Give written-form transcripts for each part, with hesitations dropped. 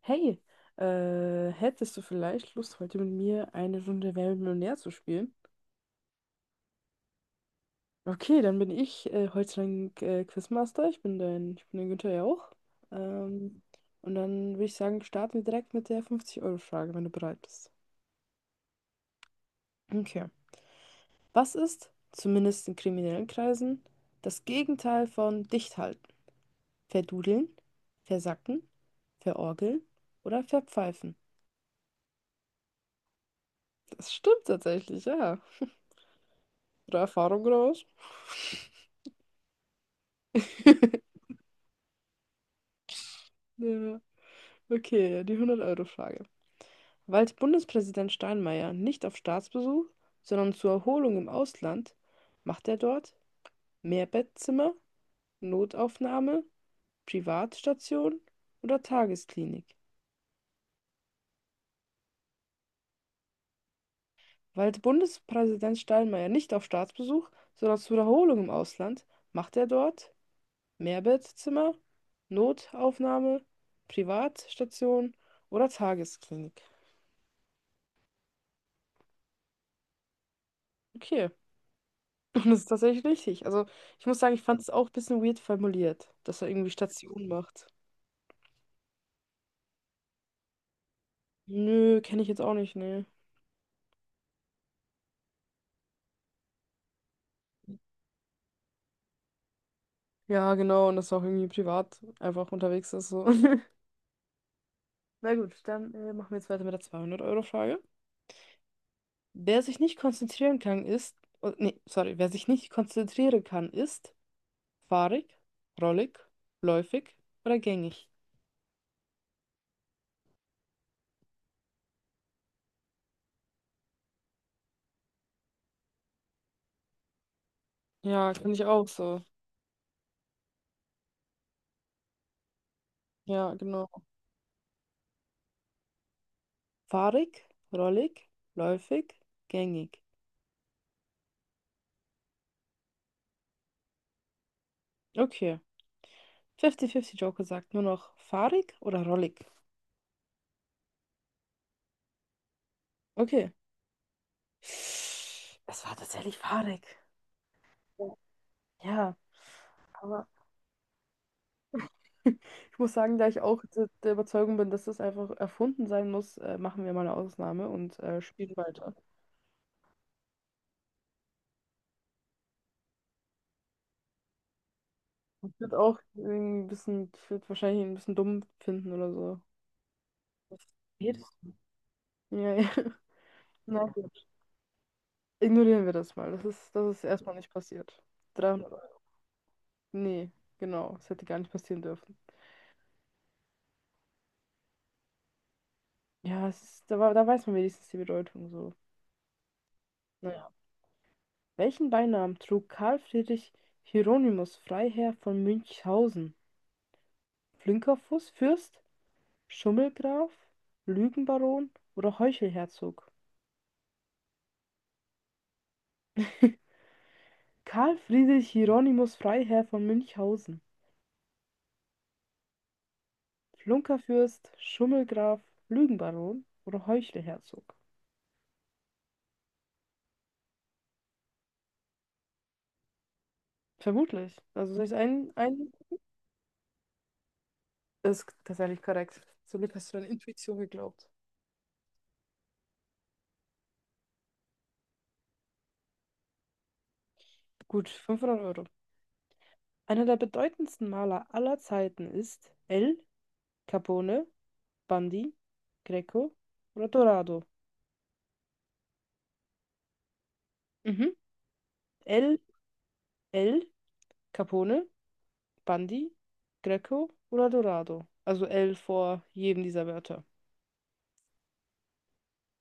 Hey, hättest du vielleicht Lust, heute mit mir eine Runde Wer wird Millionär zu spielen? Okay, dann bin ich heute dein Quizmaster. Ich bin der Günther ja auch. Ähm, und dann würde ich sagen, starten wir direkt mit der 50-Euro-Frage, wenn du bereit bist. Okay. Was ist, zumindest in kriminellen Kreisen, das Gegenteil von dicht halten? Verdudeln, versacken, verorgeln oder verpfeifen? Das stimmt tatsächlich, ja. Oder Erfahrung raus. Ja. Okay, die 100-Euro-Frage. Weilt Bundespräsident Steinmeier nicht auf Staatsbesuch, sondern zur Erholung im Ausland, macht er dort Mehrbettzimmer, Notaufnahme, Privatstation oder Tagesklinik? Weilt Bundespräsident Steinmeier nicht auf Staatsbesuch, sondern zur Erholung im Ausland, macht er dort Mehrbettzimmer, Notaufnahme, Privatstation oder Tagesklinik? Okay. Und das ist tatsächlich richtig. Also, ich muss sagen, ich fand es auch ein bisschen weird formuliert, dass er irgendwie Station macht. Nö, kenne ich jetzt auch nicht, nee. Ja, genau, und dass er auch irgendwie privat einfach unterwegs ist, so. Na gut, dann machen wir jetzt weiter mit der 200-Euro-Frage. Wer sich nicht konzentrieren kann, ist. Oh, nee, sorry, wer sich nicht konzentrieren kann, ist fahrig, rollig, läufig oder gängig. Ja, finde ich auch so. Ja, genau. Fahrig, rollig, läufig, gängig. Okay. 50-50 Joker sagt nur noch fahrig oder rollig. Okay. Es war tatsächlich fahrig. Ja. Aber ich muss sagen, da ich auch der Überzeugung bin, dass das einfach erfunden sein muss, machen wir mal eine Ausnahme und spielen weiter. Ich würde auch irgendwie ein bisschen, ich würde wahrscheinlich ihn ein bisschen dumm finden oder so. Was redest du? Ja, ja. Na gut. Ignorieren wir das mal. Das ist erstmal nicht passiert. 300 Nee, genau. Es hätte gar nicht passieren dürfen. Ja, es ist, da, da weiß man wenigstens die Bedeutung so. Naja. Welchen Beinamen trug Karl Friedrich Hieronymus Freiherr von Münchhausen? Flinkerfuß, Fürst, Schummelgraf, Lügenbaron oder Heuchelherzog? Karl Friedrich Hieronymus Freiherr von Münchhausen. Flunkerfürst, Schummelgraf, Lügenbaron oder Heuchelherzog? Vermutlich. Also soll ich ein... Das ist tatsächlich korrekt. Zum Glück hast du deine Intuition geglaubt. Gut, 500 Euro. Einer der bedeutendsten Maler aller Zeiten ist El Capone, Bundy, Greco oder Dorado. Mhm. El, El Capone, Bundy, Greco oder Dorado. Also El vor jedem dieser Wörter.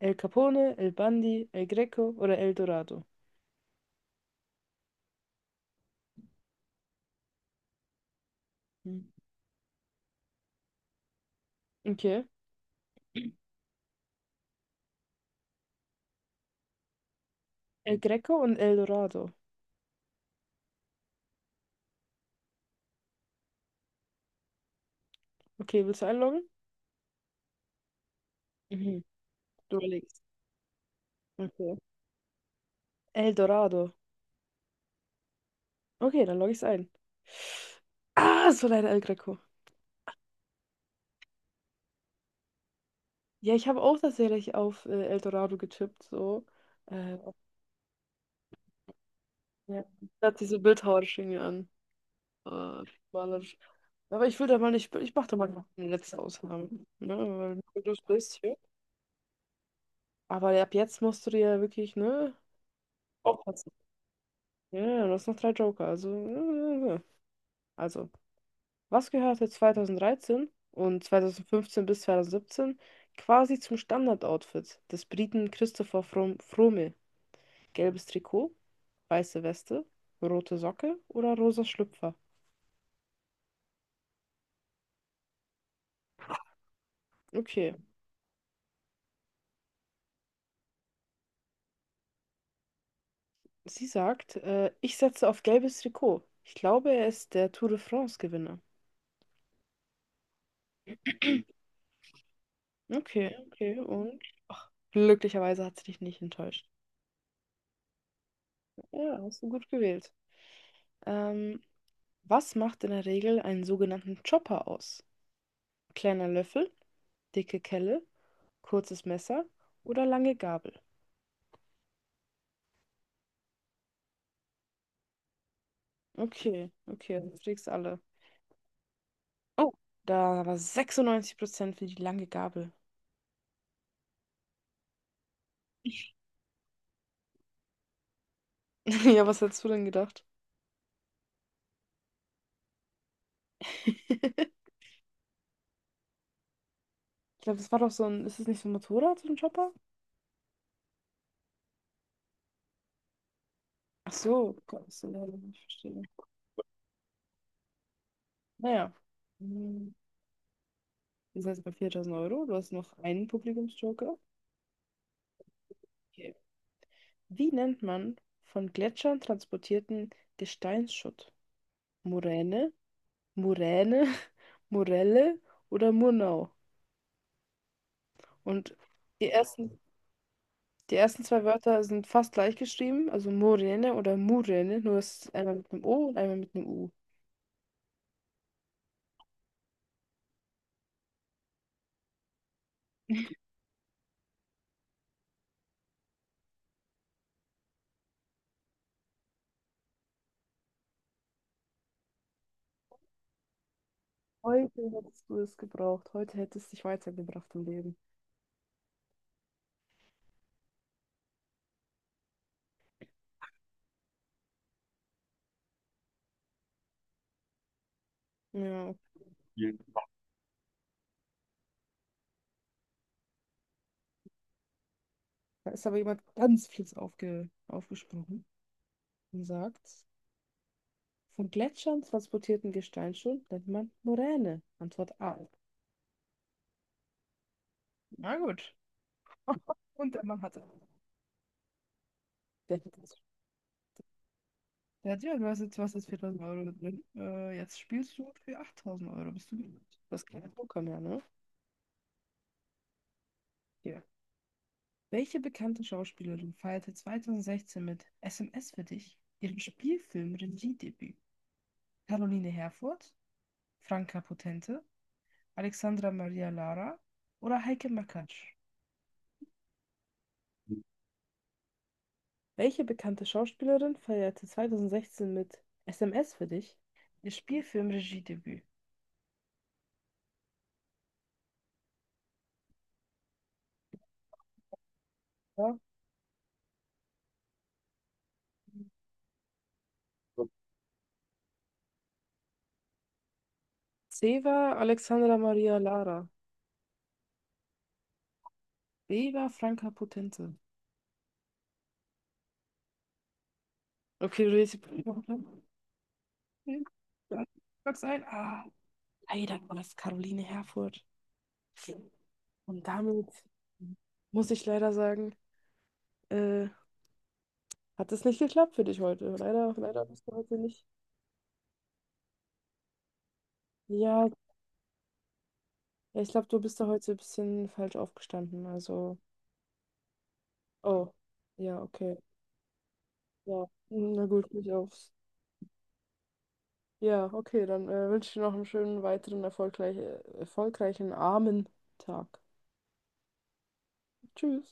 El Capone, El Bundy, El Greco oder El Dorado. Mhm. Okay. El Greco und El Dorado. Okay, willst du einloggen? Mhm. Du überlegst. Okay. El Dorado. Okay, dann logge ich es ein. Ah, es war leider El Greco. Ja, ich habe auch tatsächlich auf Eldorado getippt, so. Äh, auf- ja. Da hat sich so bildhauerisch irgendwie an. Äh, Malerisch. Aber ich will da mal nicht, ich mache da mal noch eine letzte Ausnahme. Ne? Weil du das bist hier. Aber ab jetzt musst du dir ja wirklich, ne? Aufpassen. Ja, ja, du hast noch drei Joker. Äh, also, was gehörte 2013 und 2015 bis 2017 quasi zum Standardoutfit des Briten Christopher Froome? Gelbes Trikot, weiße Weste, rote Socke oder rosa Schlüpfer? Okay, sie sagt, ich setze auf gelbes Trikot. Ich glaube, er ist der Tour de France-Gewinner. Okay, okay, und ach, glücklicherweise hat sie dich nicht enttäuscht. Ja, hast du gut gewählt. Ähm, Was macht in der Regel einen sogenannten Chopper aus? Kleiner Löffel, dicke Kelle, kurzes Messer oder lange Gabel? Okay, okay, du kriegst alle. Oh, da war 96% für die lange Gabel. Ja, was hättest du denn gedacht? Ich glaube, das war doch so ein. Ist es nicht so ein Motorrad, so ein Chopper? Ach so, Gott, das ist ja leider nicht verstehen. Naja. Hm, Wir sind jetzt bei 4.000 Euro. Du hast noch einen Publikumsjoker. Okay. Wie nennt man von Gletschern transportierten Gesteinsschutt? Moräne, Moräne, Morelle oder Murnau? Und die ersten Die ersten zwei Wörter sind fast gleich geschrieben, also Morene oder Murene, nur es ist einmal mit einem O und einmal mit einem U. Heute hättest du es gebraucht. Heute hättest du dich weitergebracht im Leben. Ja. Ja. Da ist aber jemand ganz fies aufgesprungen und sagt, von Gletschern transportierten Gesteinsschutt nennt man Moräne. Antwort A. Na gut. Und der Mann hatte. Der hätte es- Der hat ja, du hast jetzt was ist 4.000 Euro da drin. Jetzt spielst du für 8.000 Euro. Bist du gut? Das ist kein Poker mehr, ne? Ja. Welche bekannte Schauspielerin feierte 2016 mit SMS für dich ihren Spielfilm-Regiedebüt? Caroline Herfurth, Franka Potente, Alexandra Maria Lara oder Heike Makatsch? Welche bekannte Schauspielerin feierte 2016 mit SMS für dich ihr Spielfilm-Regiedebüt? Ja. C war Alexandra Maria Lara. B war Franka Potente. Okay, du redest. Sag's ein. Ah, leider war es Caroline Herfurth. Und damit muss ich leider sagen, äh, hat es nicht geklappt für dich heute. Leider, leider bist du heute nicht. Ja, ja, ich glaube, du bist da heute ein bisschen falsch aufgestanden. Also, oh, ja, okay. Ja, na gut, nicht aufs. Ja, okay, dann wünsche ich dir noch einen schönen weiteren erfolgreichen Armen Tag. Tschüss.